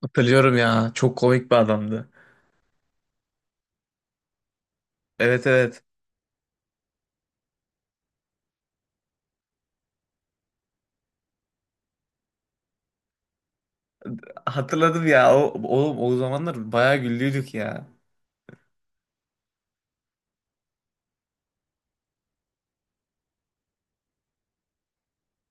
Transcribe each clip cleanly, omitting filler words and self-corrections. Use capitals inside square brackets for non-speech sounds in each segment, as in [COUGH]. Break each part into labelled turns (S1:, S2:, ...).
S1: Hatırlıyorum ya. Çok komik bir adamdı. Evet evet. Hatırladım ya. O, oğlum o zamanlar bayağı güldüydük ya.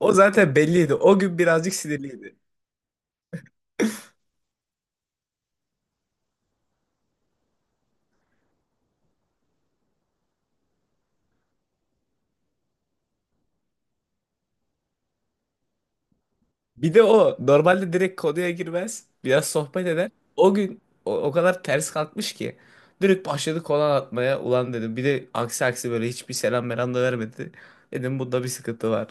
S1: O zaten belliydi. O gün birazcık sinirliydi. Bir de o normalde direkt konuya girmez. Biraz sohbet eder. O gün o kadar ters kalkmış ki. Direkt başladı kolan atmaya. Ulan dedim. Bir de aksi aksi böyle hiçbir selam meram da vermedi. Dedim bunda bir sıkıntı var.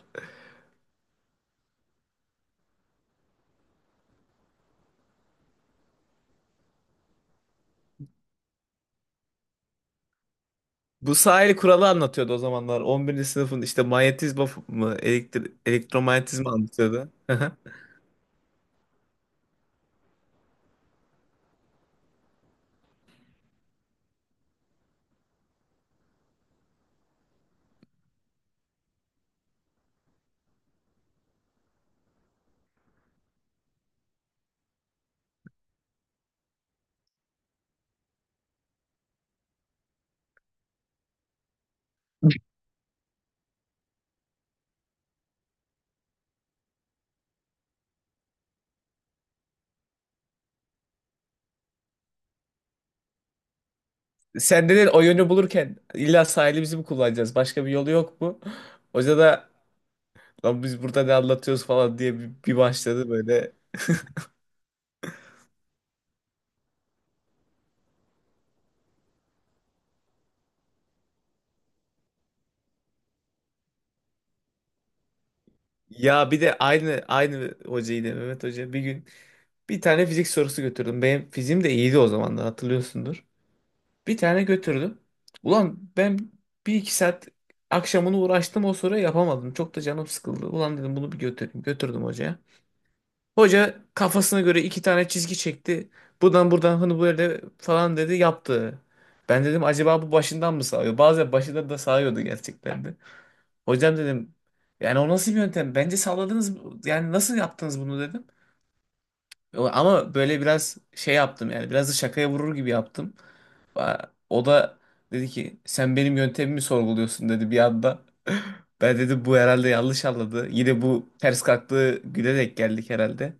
S1: Bu sahil kuralı anlatıyordu o zamanlar. 11. sınıfın işte manyetizma mı elektromanyetizma anlatıyordu. [LAUGHS] Senden o yönü bulurken illa sahili bizim mi kullanacağız? Başka bir yolu yok mu? Hoca da lan biz burada ne anlatıyoruz falan diye bir başladı böyle. Ya bir de aynı aynı hoca yine Mehmet Hoca bir gün bir tane fizik sorusu götürdüm. Benim fiziğim de iyiydi o zamanlar hatırlıyorsundur. Bir tane götürdüm. Ulan ben bir iki saat akşamını uğraştım o soruyu yapamadım. Çok da canım sıkıldı. Ulan dedim bunu bir götüreyim. Götürdüm hocaya. Hoca kafasına göre iki tane çizgi çekti. Buradan buradan hani böyle falan dedi yaptı. Ben dedim acaba bu başından mı sağıyor? Bazen başından da sağıyordu gerçekten de. Hocam dedim yani o nasıl bir yöntem? Bence sağladınız mı? Yani nasıl yaptınız bunu dedim. Ama böyle biraz şey yaptım yani biraz da şakaya vurur gibi yaptım. O da dedi ki sen benim yöntemimi sorguluyorsun dedi bir anda. [LAUGHS] Ben dedim bu herhalde yanlış anladı. Yine bu ters kalktığı güne denk geldik herhalde.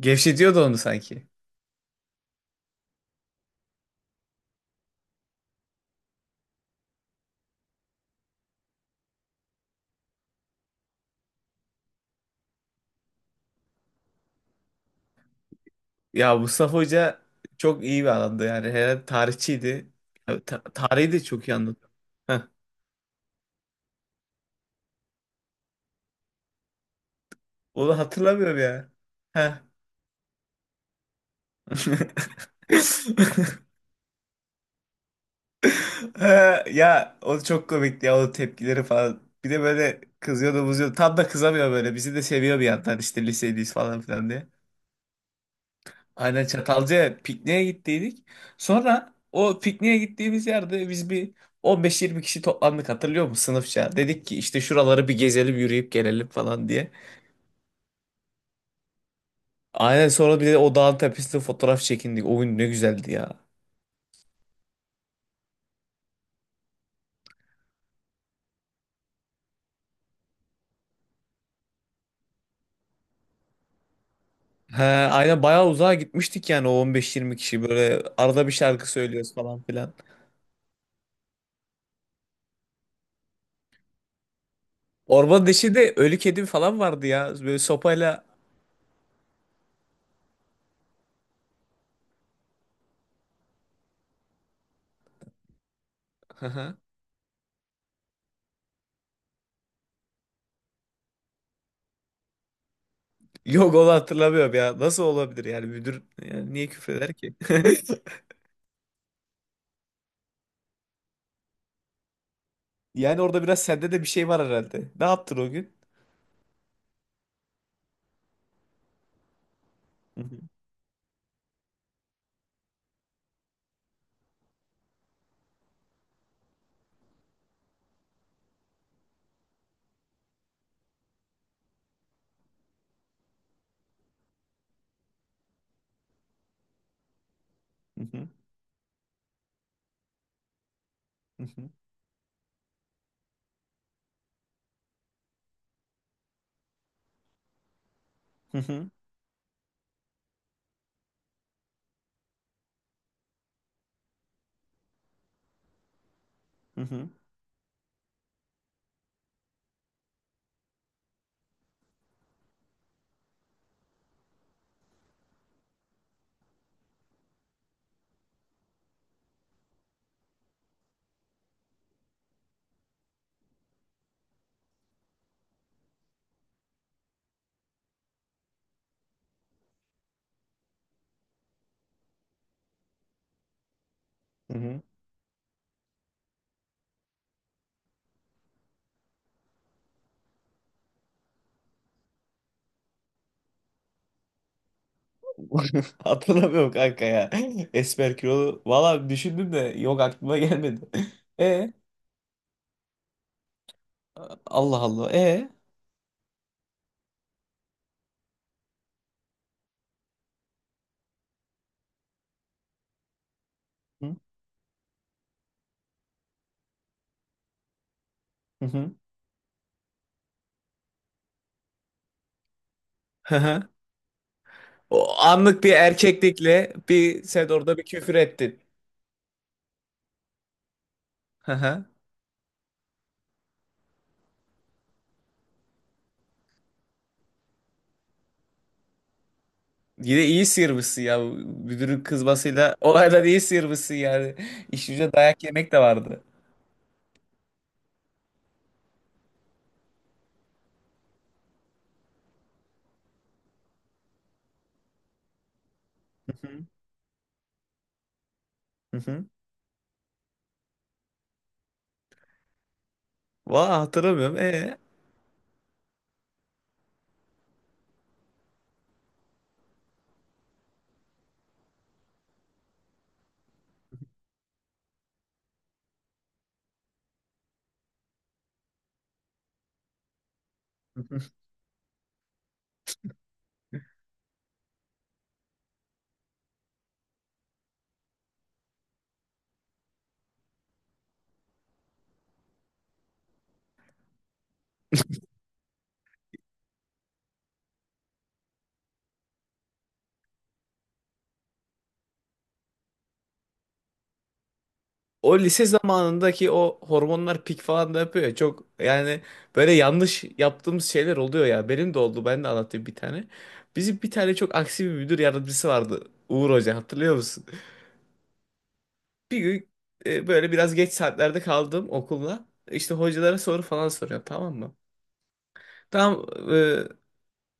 S1: Gevşetiyordu onu sanki. Ya Mustafa Hoca çok iyi bir adamdı yani. Herhalde tarihçiydi. Ya tarihi de çok iyi anlatıyor. Heh. Onu hatırlamıyorum ya. Heh. [LAUGHS] Ha. Ya o çok komikti ya o tepkileri falan. Bir de böyle kızıyordu buzuyordu. Tam da kızamıyor böyle. Bizi de seviyor bir yandan işte lisedeyiz falan filan. Aynen Çatalca'ya pikniğe gittiydik. Sonra o pikniğe gittiğimiz yerde biz bir 15-20 kişi toplandık hatırlıyor musun sınıfça? Dedik ki işte şuraları bir gezelim yürüyüp gelelim falan diye. Aynen sonra bir de o dağın tepesinde fotoğraf çekindik. O gün ne güzeldi ya. He, aynen bayağı uzağa gitmiştik yani o 15-20 kişi böyle arada bir şarkı söylüyoruz falan filan. Ormanın içinde ölü kedi falan vardı ya böyle sopayla. [LAUGHS] Yok onu hatırlamıyorum ya. Nasıl olabilir yani müdür yani niye küfreder ki? [LAUGHS] Yani orada biraz sende de bir şey var herhalde. Ne yaptın o gün? Hı hı, hı hı, hı hı, hı hı, hı hı. [LAUGHS] Hatırlamıyorum kanka ya. Esmer kilolu. Valla düşündüm de yok aklıma gelmedi. [LAUGHS] E Allah Allah. E. Hı hı. Hı. Hı hı. O anlık bir erkeklikle bir sen orada bir küfür ettin. Hı hı. Yine iyi sıyırmışsın ya. Müdürün kızmasıyla olaydan iyi sıyırmışsın yani. İşin ucunda dayak yemek de vardı. Hı hı. Hı hı. Valla hatırlamıyorum. E. Hı. O lise zamanındaki o hormonlar pik falan da yapıyor ya çok yani böyle yanlış yaptığımız şeyler oluyor ya benim de oldu ben de anlatayım bir tane. Bizim bir tane çok aksi bir müdür yardımcısı vardı Uğur Hoca hatırlıyor musun? Bir gün böyle biraz geç saatlerde kaldım okulda işte hocalara soru falan soruyor tamam mı? Tam e,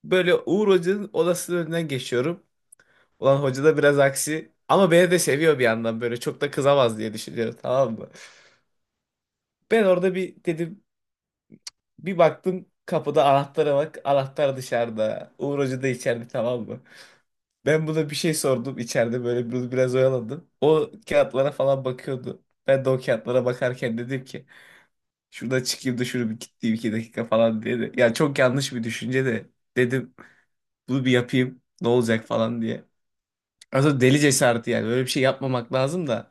S1: böyle Uğur Hoca'nın odasının önünden geçiyorum. Ulan hoca da biraz aksi ama beni de seviyor bir yandan böyle çok da kızamaz diye düşünüyorum tamam mı? Ben orada bir dedim. Bir baktım kapıda anahtara bak. Anahtar dışarıda. Uğur Hoca da içeride tamam mı? Ben buna bir şey sordum içeride böyle biraz oyaladım. O kağıtlara falan bakıyordu. Ben de o kağıtlara bakarken dedim ki şuradan çıkayım da şunu bir gideyim 2 dakika falan diye de. Yani çok yanlış bir düşünce de dedim bunu bir yapayım ne olacak falan diye. Aslında deli cesareti yani. Böyle bir şey yapmamak lazım da.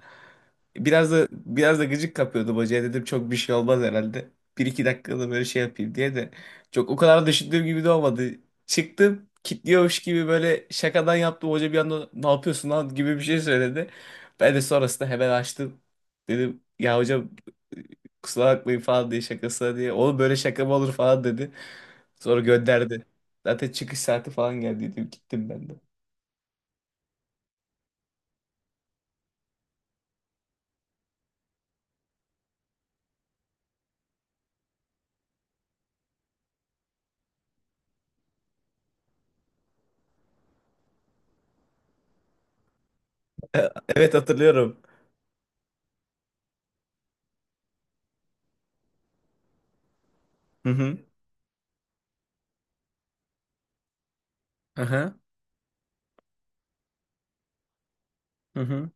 S1: Biraz da gıcık kapıyordu bacaya. Dedim çok bir şey olmaz herhalde. Bir iki dakikada böyle şey yapayım diye de. Çok o kadar düşündüğüm gibi de olmadı. Çıktım. Kitliyormuş gibi böyle şakadan yaptım. Hoca bir anda ne yapıyorsun lan gibi bir şey söyledi. Ben de sonrasında hemen açtım. Dedim ya hocam kusura bakmayın falan diye şakasına diye. Oğlum böyle şaka mı olur falan dedi. Sonra gönderdi. Zaten çıkış saati falan geldi. Dedim gittim ben de. [LAUGHS] Evet hatırlıyorum. Hı hı. Aha. Hı hı.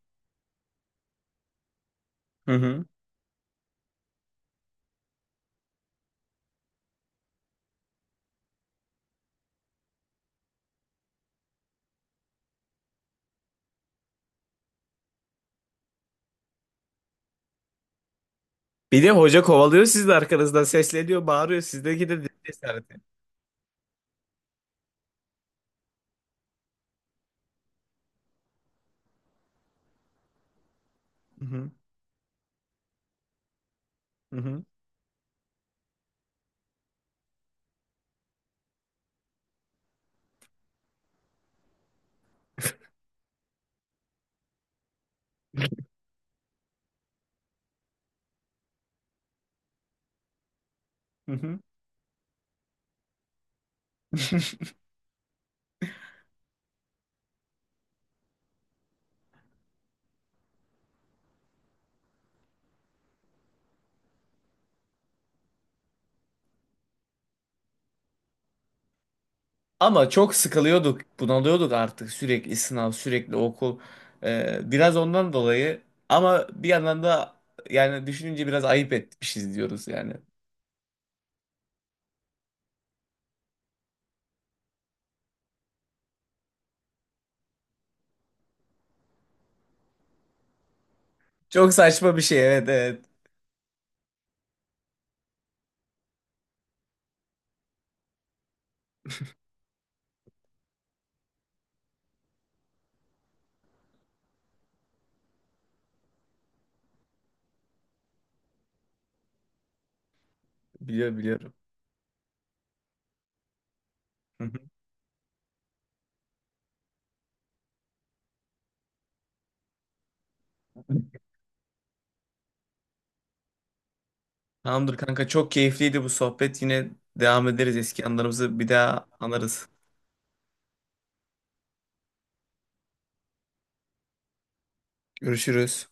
S1: Hı hı. Bir de hoca kovalıyor siz de arkanızdan sesleniyor, bağırıyor. Sizdeki de cesareti. Hı hı. Hı hı. Hı hı. [LAUGHS] Ama çok sıkılıyorduk, bunalıyorduk artık sürekli sınav, sürekli okul. Biraz ondan dolayı ama bir yandan da yani düşününce biraz ayıp etmişiz diyoruz yani. Çok saçma bir şey evet evet. Biliyorum biliyorum. Hı hı. Tamamdır kanka çok keyifliydi bu sohbet. Yine devam ederiz eski anılarımızı bir daha anarız. Görüşürüz.